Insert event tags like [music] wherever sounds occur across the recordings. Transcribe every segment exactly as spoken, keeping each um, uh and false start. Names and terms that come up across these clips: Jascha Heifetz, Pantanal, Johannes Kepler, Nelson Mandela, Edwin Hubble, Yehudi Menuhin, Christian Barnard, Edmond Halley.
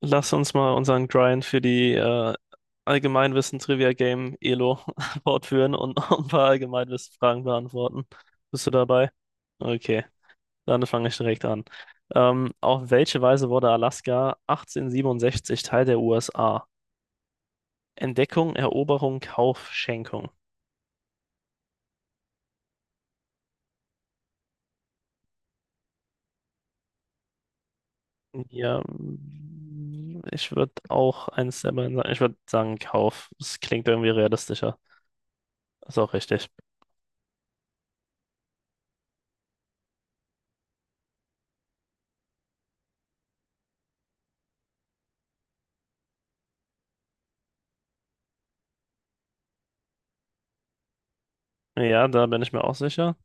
Lass uns mal unseren Grind für die äh, Allgemeinwissen-Trivia-Game Elo [laughs] fortführen und noch ein paar Allgemeinwissen-Fragen beantworten. Bist du dabei? Okay, dann fange ich direkt an. Ähm, auf welche Weise wurde Alaska achtzehnhundertsiebenundsechzig Teil der U S A? Entdeckung, Eroberung, Kauf, Schenkung. Ja, mm, ich würde auch eins der beiden sagen. Ich würde sagen Kauf. Das klingt irgendwie realistischer. Ist auch richtig. Ja, da bin ich mir auch sicher.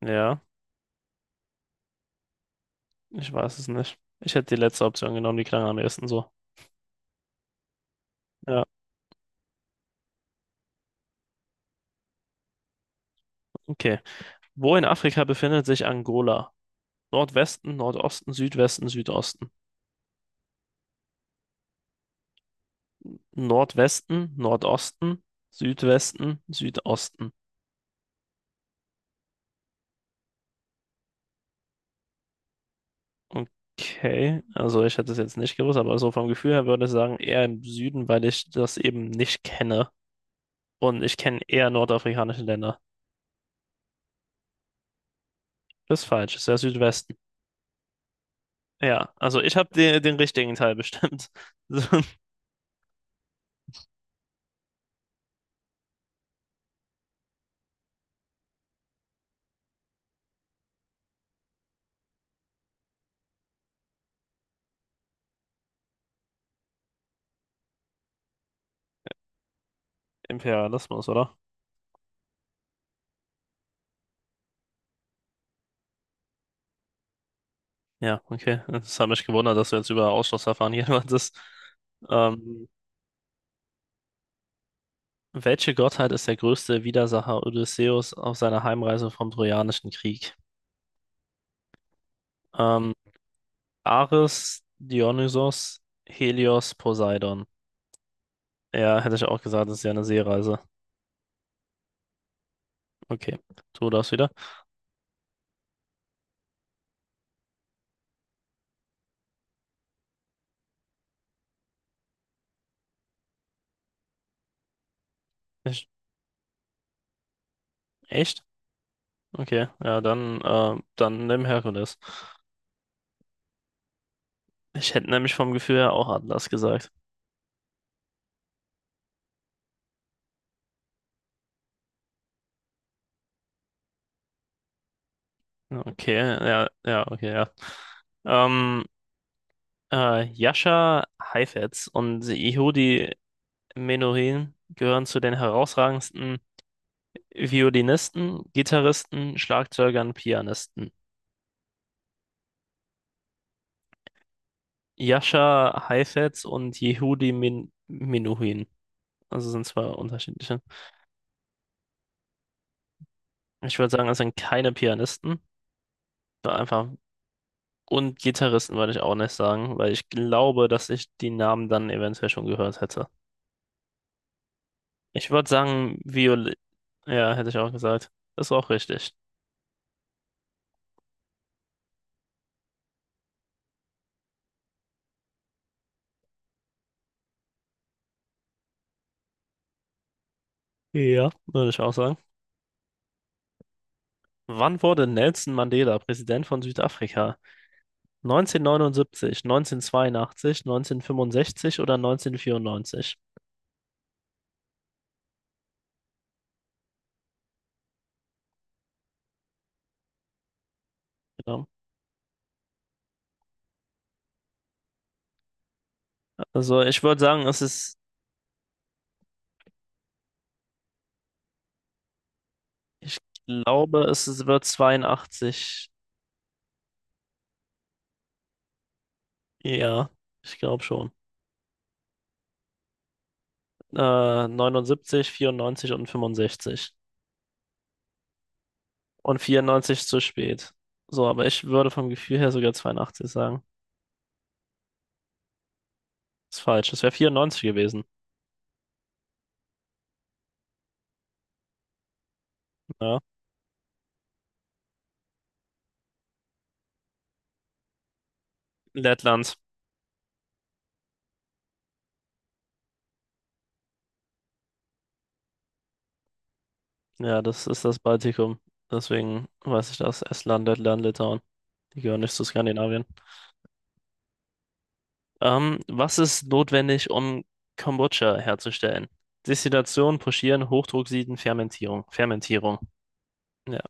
Ja. Ich weiß es nicht. Ich hätte die letzte Option genommen, die klang am ehesten so. Ja, okay. Wo in Afrika befindet sich Angola? Nordwesten, Nordosten, Südwesten, Südosten. Nordwesten, Nordosten, Südwesten, Südosten. Okay, also ich hätte es jetzt nicht gewusst, aber so vom Gefühl her würde ich sagen, eher im Süden, weil ich das eben nicht kenne. Und ich kenne eher nordafrikanische Länder. Das ist falsch, ist der Südwesten. Ja, also ich habe den, den richtigen Teil bestimmt. [laughs] Imperialismus, oder? Ja, okay. Das hat mich gewundert, dass du jetzt über Ausschlussverfahren hier [laughs] meintest. Ähm, Welche Gottheit ist der größte Widersacher Odysseus auf seiner Heimreise vom Trojanischen Krieg? Ähm, Ares, Dionysos, Helios, Poseidon. Ja, hätte ich auch gesagt, das ist ja eine Seereise. Okay, tu das wieder. Ich, echt? Okay, ja, dann, äh, dann nimm Herkules. Ich hätte nämlich vom Gefühl her auch Atlas gesagt. Okay, ja, ja, okay, ja. Ähm, Äh, Jascha Heifetz und Yehudi Menuhin gehören zu den herausragendsten Violinisten, Gitarristen, Schlagzeugern, Pianisten. Jascha Heifetz und Yehudi Men Menuhin. Also sind zwei unterschiedliche. Ich würde sagen, es sind keine Pianisten, sondern einfach. Und Gitarristen würde ich auch nicht sagen, weil ich glaube, dass ich die Namen dann eventuell schon gehört hätte. Ich würde sagen, Viol, ja, hätte ich auch gesagt. Ist auch richtig. Ja, würde ich auch sagen. Wann wurde Nelson Mandela Präsident von Südafrika? neunzehnhundertneunundsiebzig, neunzehnhundertzweiundachtzig, neunzehnhundertfünfundsechzig oder neunzehnhundertvierundneunzig? Genau. Also ich würde sagen, es ist, ich glaube, es ist, wird zweiundachtzig. Ja, ich glaube schon. Äh, neunundsiebzig, vierundneunzig und fünfundsechzig. Und vierundneunzig ist zu spät. So, aber ich würde vom Gefühl her sogar zweiundachtzig sagen. Ist falsch. Es wäre vierundneunzig gewesen. Ja. Lettland. Ja, das ist das Baltikum. Deswegen weiß ich das. Estland, Lettland, Litauen. Die gehören nicht zu Skandinavien. Ähm, was ist notwendig, um Kombucha herzustellen? Destillation, Pochieren, Hochdrucksieden, Fermentierung. Fermentierung. Ja,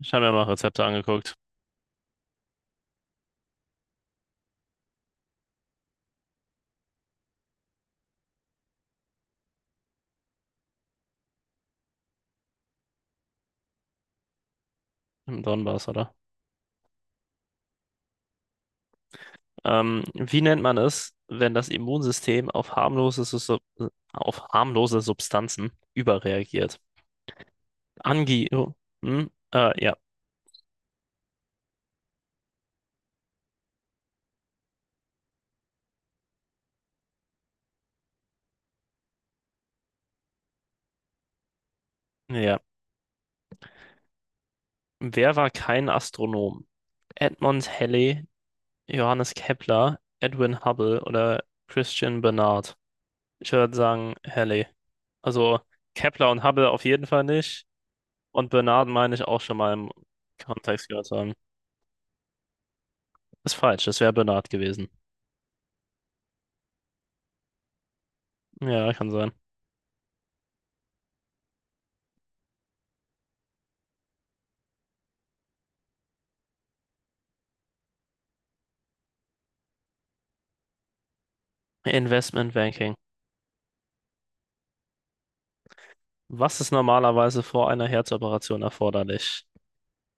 ich habe mir mal Rezepte angeguckt. Im Donbass, oder? Ähm, wie nennt man es, wenn das Immunsystem auf harmlose, Sus- auf harmlose Substanzen überreagiert? Angi. Oh, hm? Äh, ja. Ja. Wer war kein Astronom? Edmond Halley, Johannes Kepler, Edwin Hubble oder Christian Barnard? Ich würde sagen Halley. Also Kepler und Hubble auf jeden Fall nicht. Und Barnard meine ich auch schon mal im Kontext gehört zu haben. Ist falsch, das wäre Barnard gewesen. Ja, kann sein. Investment Banking. Was ist normalerweise vor einer Herzoperation erforderlich?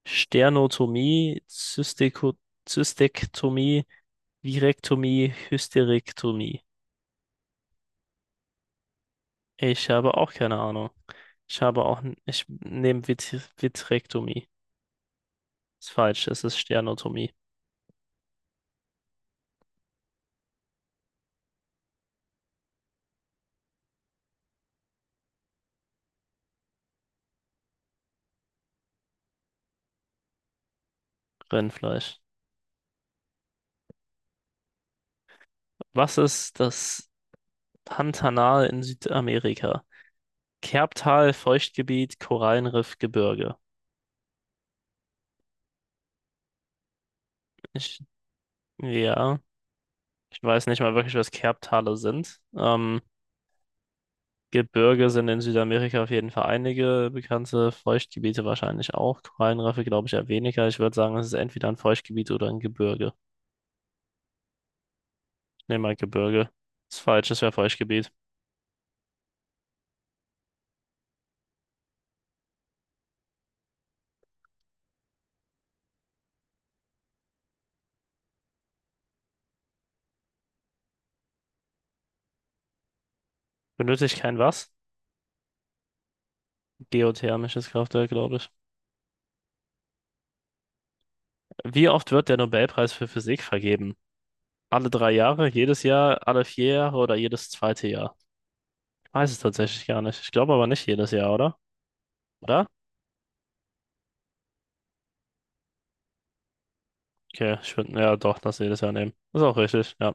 Sternotomie, Zystiko Zystektomie, Virektomie, Hysterektomie. Ich habe auch keine Ahnung. Ich habe auch, n- ich nehme Vit Vitrektomie. Ist falsch, es ist Sternotomie. Rindfleisch. Was ist das Pantanal in Südamerika? Kerbtal, Feuchtgebiet, Korallenriff, Gebirge. Ich, ja, ich weiß nicht mal wirklich, was Kerbtale sind. Ähm, Gebirge sind in Südamerika auf jeden Fall einige bekannte, Feuchtgebiete wahrscheinlich auch. Korallenriffe glaube ich eher weniger. Ich würde sagen, es ist entweder ein Feuchtgebiet oder ein Gebirge. Nehmen mal Gebirge. Ist falsch, es wäre Feuchtgebiet. Benötige ich kein was? Geothermisches Kraftwerk, glaube ich. Wie oft wird der Nobelpreis für Physik vergeben? Alle drei Jahre, jedes Jahr, alle vier Jahre oder jedes zweite Jahr? Ich weiß es tatsächlich gar nicht. Ich glaube aber nicht jedes Jahr, oder? Oder? Okay, ich würde, ja doch, das jedes Jahr nehmen. Ist auch richtig, ja.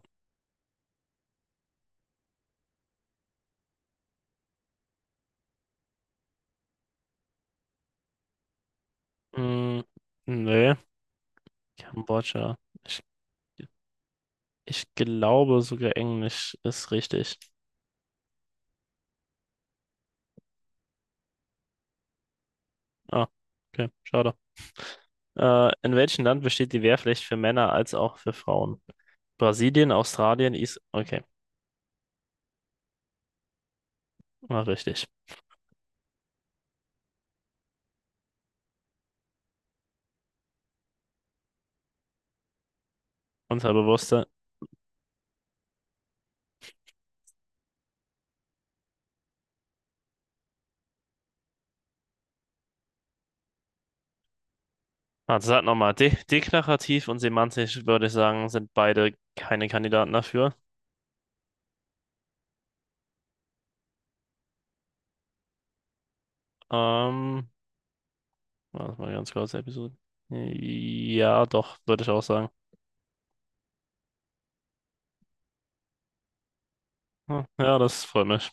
Mm, nee. Kambodscha. Ich, ich glaube sogar Englisch ist richtig. Ah, okay, schade. Äh, in welchem Land besteht die Wehrpflicht für Männer als auch für Frauen? Brasilien, Australien, Is... Okay, war richtig. Unterbewusste. Also sag nochmal, de deklarativ und semantisch würde ich sagen, sind beide keine Kandidaten dafür. Ähm, warte mal ganz kurz, Episode. Ja, doch, würde ich auch sagen. Hm, ja, das freut mich.